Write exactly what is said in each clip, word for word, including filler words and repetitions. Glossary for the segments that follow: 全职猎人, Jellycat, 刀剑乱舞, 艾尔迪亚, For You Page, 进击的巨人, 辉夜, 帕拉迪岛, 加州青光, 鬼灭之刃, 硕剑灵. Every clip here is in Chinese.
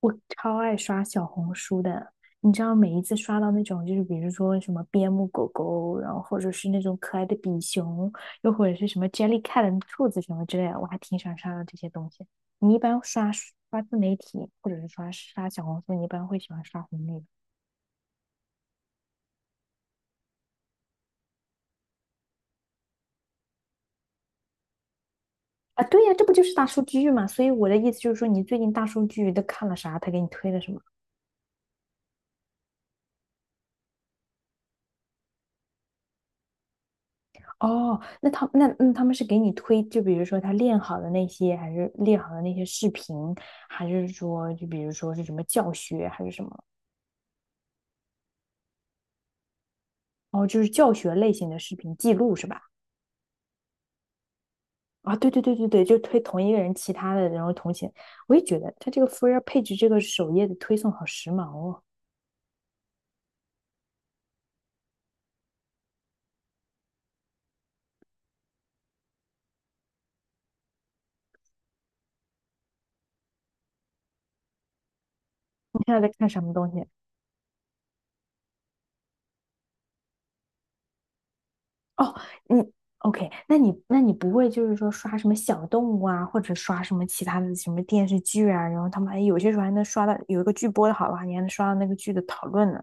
我超爱刷小红书的，你知道每一次刷到那种，就是比如说什么边牧狗狗，然后或者是那种可爱的比熊，又或者是什么 Jellycat 兔子什么之类的，我还挺喜欢刷到这些东西。你一般刷刷自媒体，或者是刷刷小红书，你一般会喜欢刷红利吧啊？对呀，这不就是大数据嘛？所以我的意思就是说，你最近大数据都看了啥？他给你推了什么？哦，那他那那他们是给你推，就比如说他练好的那些，还是练好的那些视频，还是说就比如说是什么教学，还是什么？哦，就是教学类型的视频记录是吧？啊，对对对对对，就推同一个人其他的，然后同前，我也觉得他这个 For You Page 这个首页的推送好时髦哦。你现在在看什么东西？哦，你 OK?那你那你不会就是说刷什么小动物啊，或者刷什么其他的什么电视剧啊？然后他们哎，有些时候还能刷到有一个剧播的好的话，你还能刷到那个剧的讨论呢。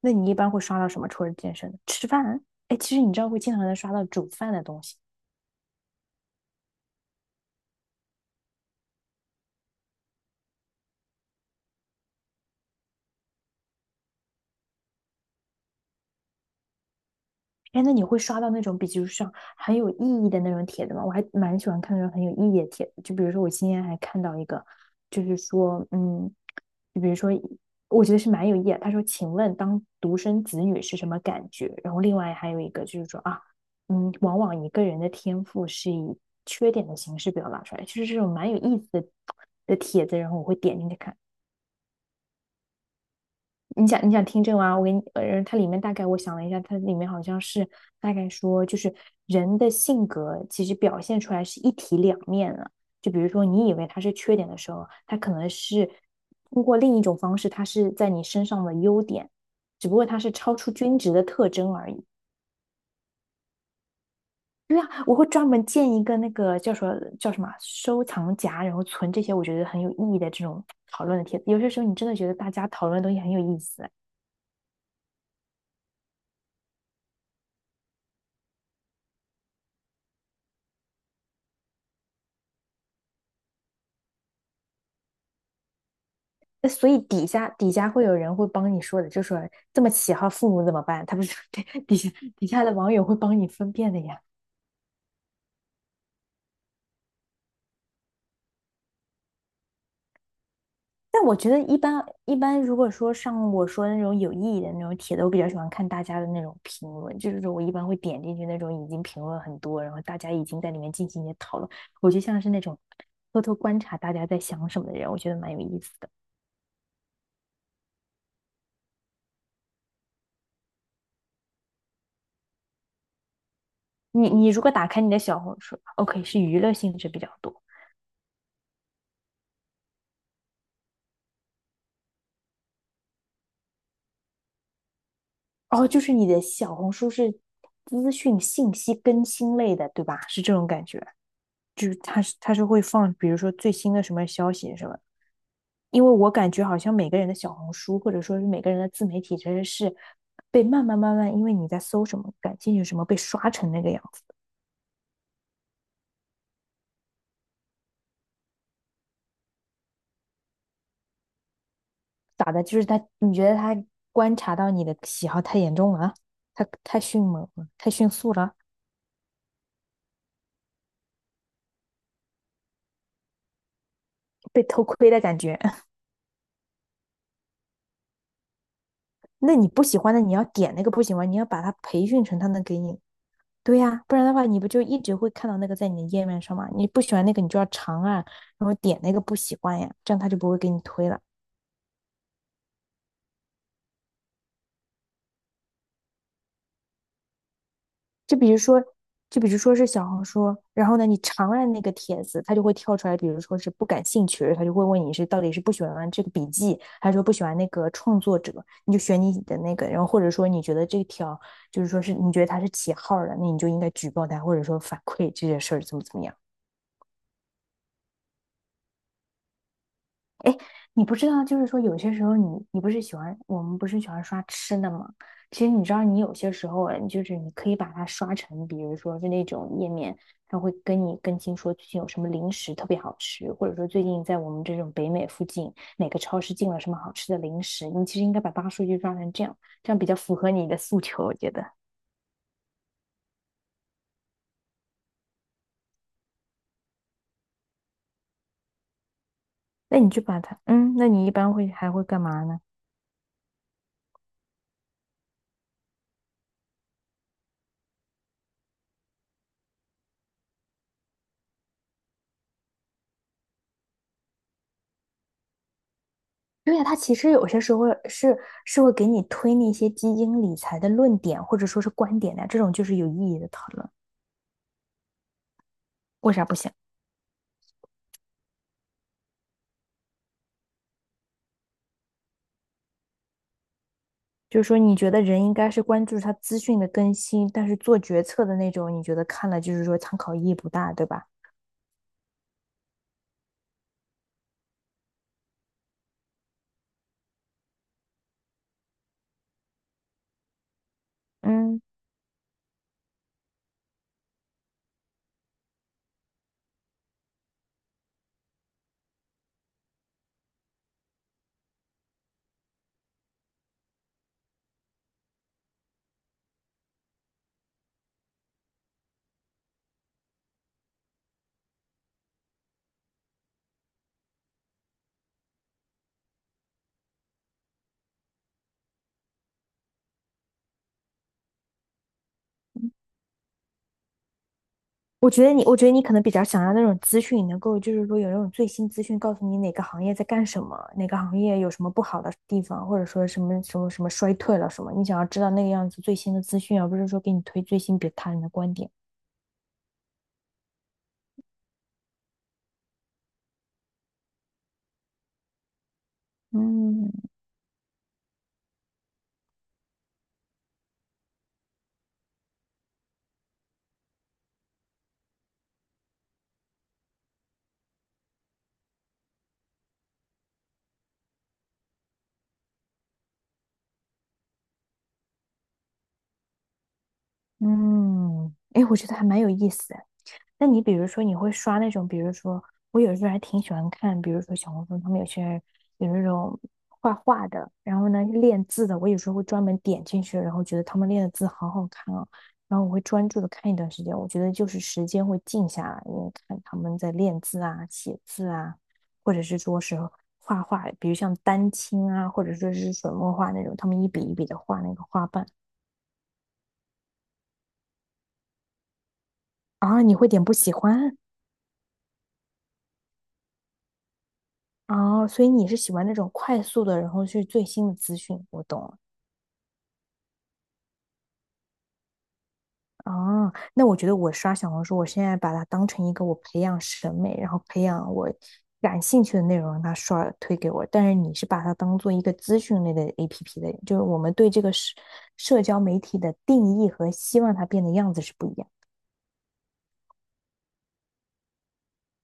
那你一般会刷到什么？除了健身，吃饭啊？哎，其实你知道会经常能刷到煮饭的东西。哎，那你会刷到那种，比如像很有意义的那种帖子吗？我还蛮喜欢看那种很有意义的帖子，就比如说我今天还看到一个，就是说，嗯，就比如说，我觉得是蛮有意义的。他说："请问当独生子女是什么感觉？"然后另外还有一个就是说啊，嗯，往往一个人的天赋是以缺点的形式表达出来，就是这种蛮有意思的的帖子，然后我会点进去看。你想你想听这个吗？我给你，呃，它里面大概我想了一下，它里面好像是大概说，就是人的性格其实表现出来是一体两面的。就比如说，你以为它是缺点的时候，它可能是通过另一种方式，它是在你身上的优点，只不过它是超出均值的特征而已。对啊，我会专门建一个那个叫什么叫什么啊收藏夹，然后存这些我觉得很有意义的这种讨论的帖子。有些时候你真的觉得大家讨论的东西很有意思。那所以底下底下会有人会帮你说的，就说这么起号，父母怎么办？他不是对 底下底下的网友会帮你分辨的呀。但我觉得一般一般，如果说像我说的那种有意义的那种帖子，我比较喜欢看大家的那种评论，就是说我一般会点进去那种已经评论很多，然后大家已经在里面进行一些讨论。我就像是那种偷偷观察大家在想什么的人，我觉得蛮有意思的。你你如果打开你的小红书，OK,是娱乐性质比较多。哦，就是你的小红书是资讯信息更新类的，对吧？是这种感觉，就是它是它是会放，比如说最新的什么消息什么。因为我感觉好像每个人的小红书或者说是每个人的自媒体，其实是被慢慢慢慢，因为你在搜什么感兴趣什么，被刷成那个样子。打的就是他，你觉得他观察到你的喜好太严重了他太太迅猛了，太迅速了，被偷窥的感觉。那你不喜欢的，你要点那个不喜欢，你要把它培训成他能给你对呀，不然的话，你不就一直会看到那个在你的页面上吗？你不喜欢那个，你就要长按，然后点那个不喜欢呀，这样他就不会给你推了。就比如说，就比如说是小红书，然后呢，你长按那个帖子，它就会跳出来，比如说是不感兴趣，他就会问你是到底是不喜欢这个笔记，还是说不喜欢那个创作者，你就选你的那个，然后或者说你觉得这条就是说是你觉得他是起号儿的，那你就应该举报他，或者说反馈这件事儿怎么怎么样。你不知道，就是说有些时候你你不是喜欢我们不是喜欢刷吃的吗？其实你知道，你有些时候哎，就是你可以把它刷成，比如说就那种页面，它会跟你更新说最近有什么零食特别好吃，或者说最近在我们这种北美附近哪个超市进了什么好吃的零食。你其实应该把大数据抓成这样，这样比较符合你的诉求，我觉得。那你就把它，嗯，那你一般会还会干嘛呢？对呀，他其实有些时候是是会给你推那些基金理财的论点或者说是观点的，这种就是有意义的讨论。为啥不想？就是说，你觉得人应该是关注他资讯的更新，但是做决策的那种，你觉得看了就是说参考意义不大，对吧？嗯，我觉得你，我觉得你可能比较想要那种资讯，能够就是说有那种最新资讯，告诉你哪个行业在干什么，哪个行业有什么不好的地方，或者说什么什么什么衰退了什么，你想要知道那个样子最新的资讯，而不是说给你推最新别他人的观点。嗯嗯，哎，我觉得还蛮有意思的。那你比如说，你会刷那种，比如说，我有时候还挺喜欢看，比如说小红书，他们有些人有那种画画的，然后呢练字的，我有时候会专门点进去，然后觉得他们练的字好好看哦，然后我会专注的看一段时间。我觉得就是时间会静下来，因为看他们在练字啊、写字啊，或者是说是画画，比如像丹青啊，或者说是水墨画那种，他们一笔一笔的画那个花瓣。啊，你会点不喜欢啊，所以你是喜欢那种快速的，然后去最新的资讯。我懂了。啊。那我觉得我刷小红书，我现在把它当成一个我培养审美，然后培养我感兴趣的内容，让它刷推给我。但是你是把它当做一个资讯类的 A P P 的人就是我们对这个社社交媒体的定义和希望它变的样子是不一样。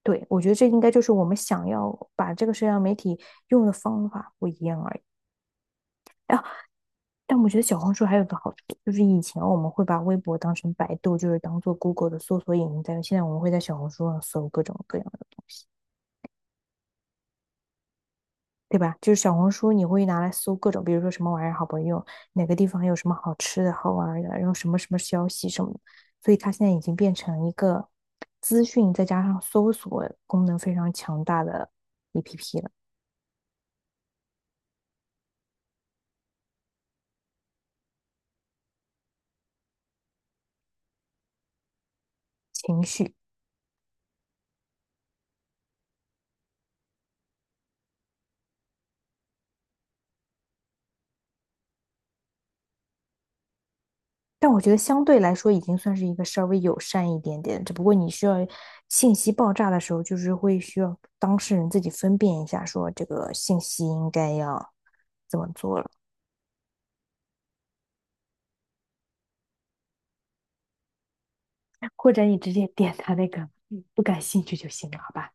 对，我觉得这应该就是我们想要把这个社交媒体用的方法不一样而已。但我觉得小红书还有个好处，就是以前我们会把微博当成百度，就是当做 Google 的搜索引擎在用。现在我们会在小红书上搜各种各样的东西，对吧？就是小红书你会拿来搜各种，比如说什么玩意儿好不好用，哪个地方有什么好吃的、好玩的，然后什么什么消息什么的。所以它现在已经变成一个资讯再加上搜索功能非常强大的 A P P 了，情绪。但我觉得相对来说已经算是一个稍微友善一点点，只不过你需要信息爆炸的时候，就是会需要当事人自己分辨一下，说这个信息应该要怎么做了。或者你直接点他那个嗯不感兴趣就行了，好吧？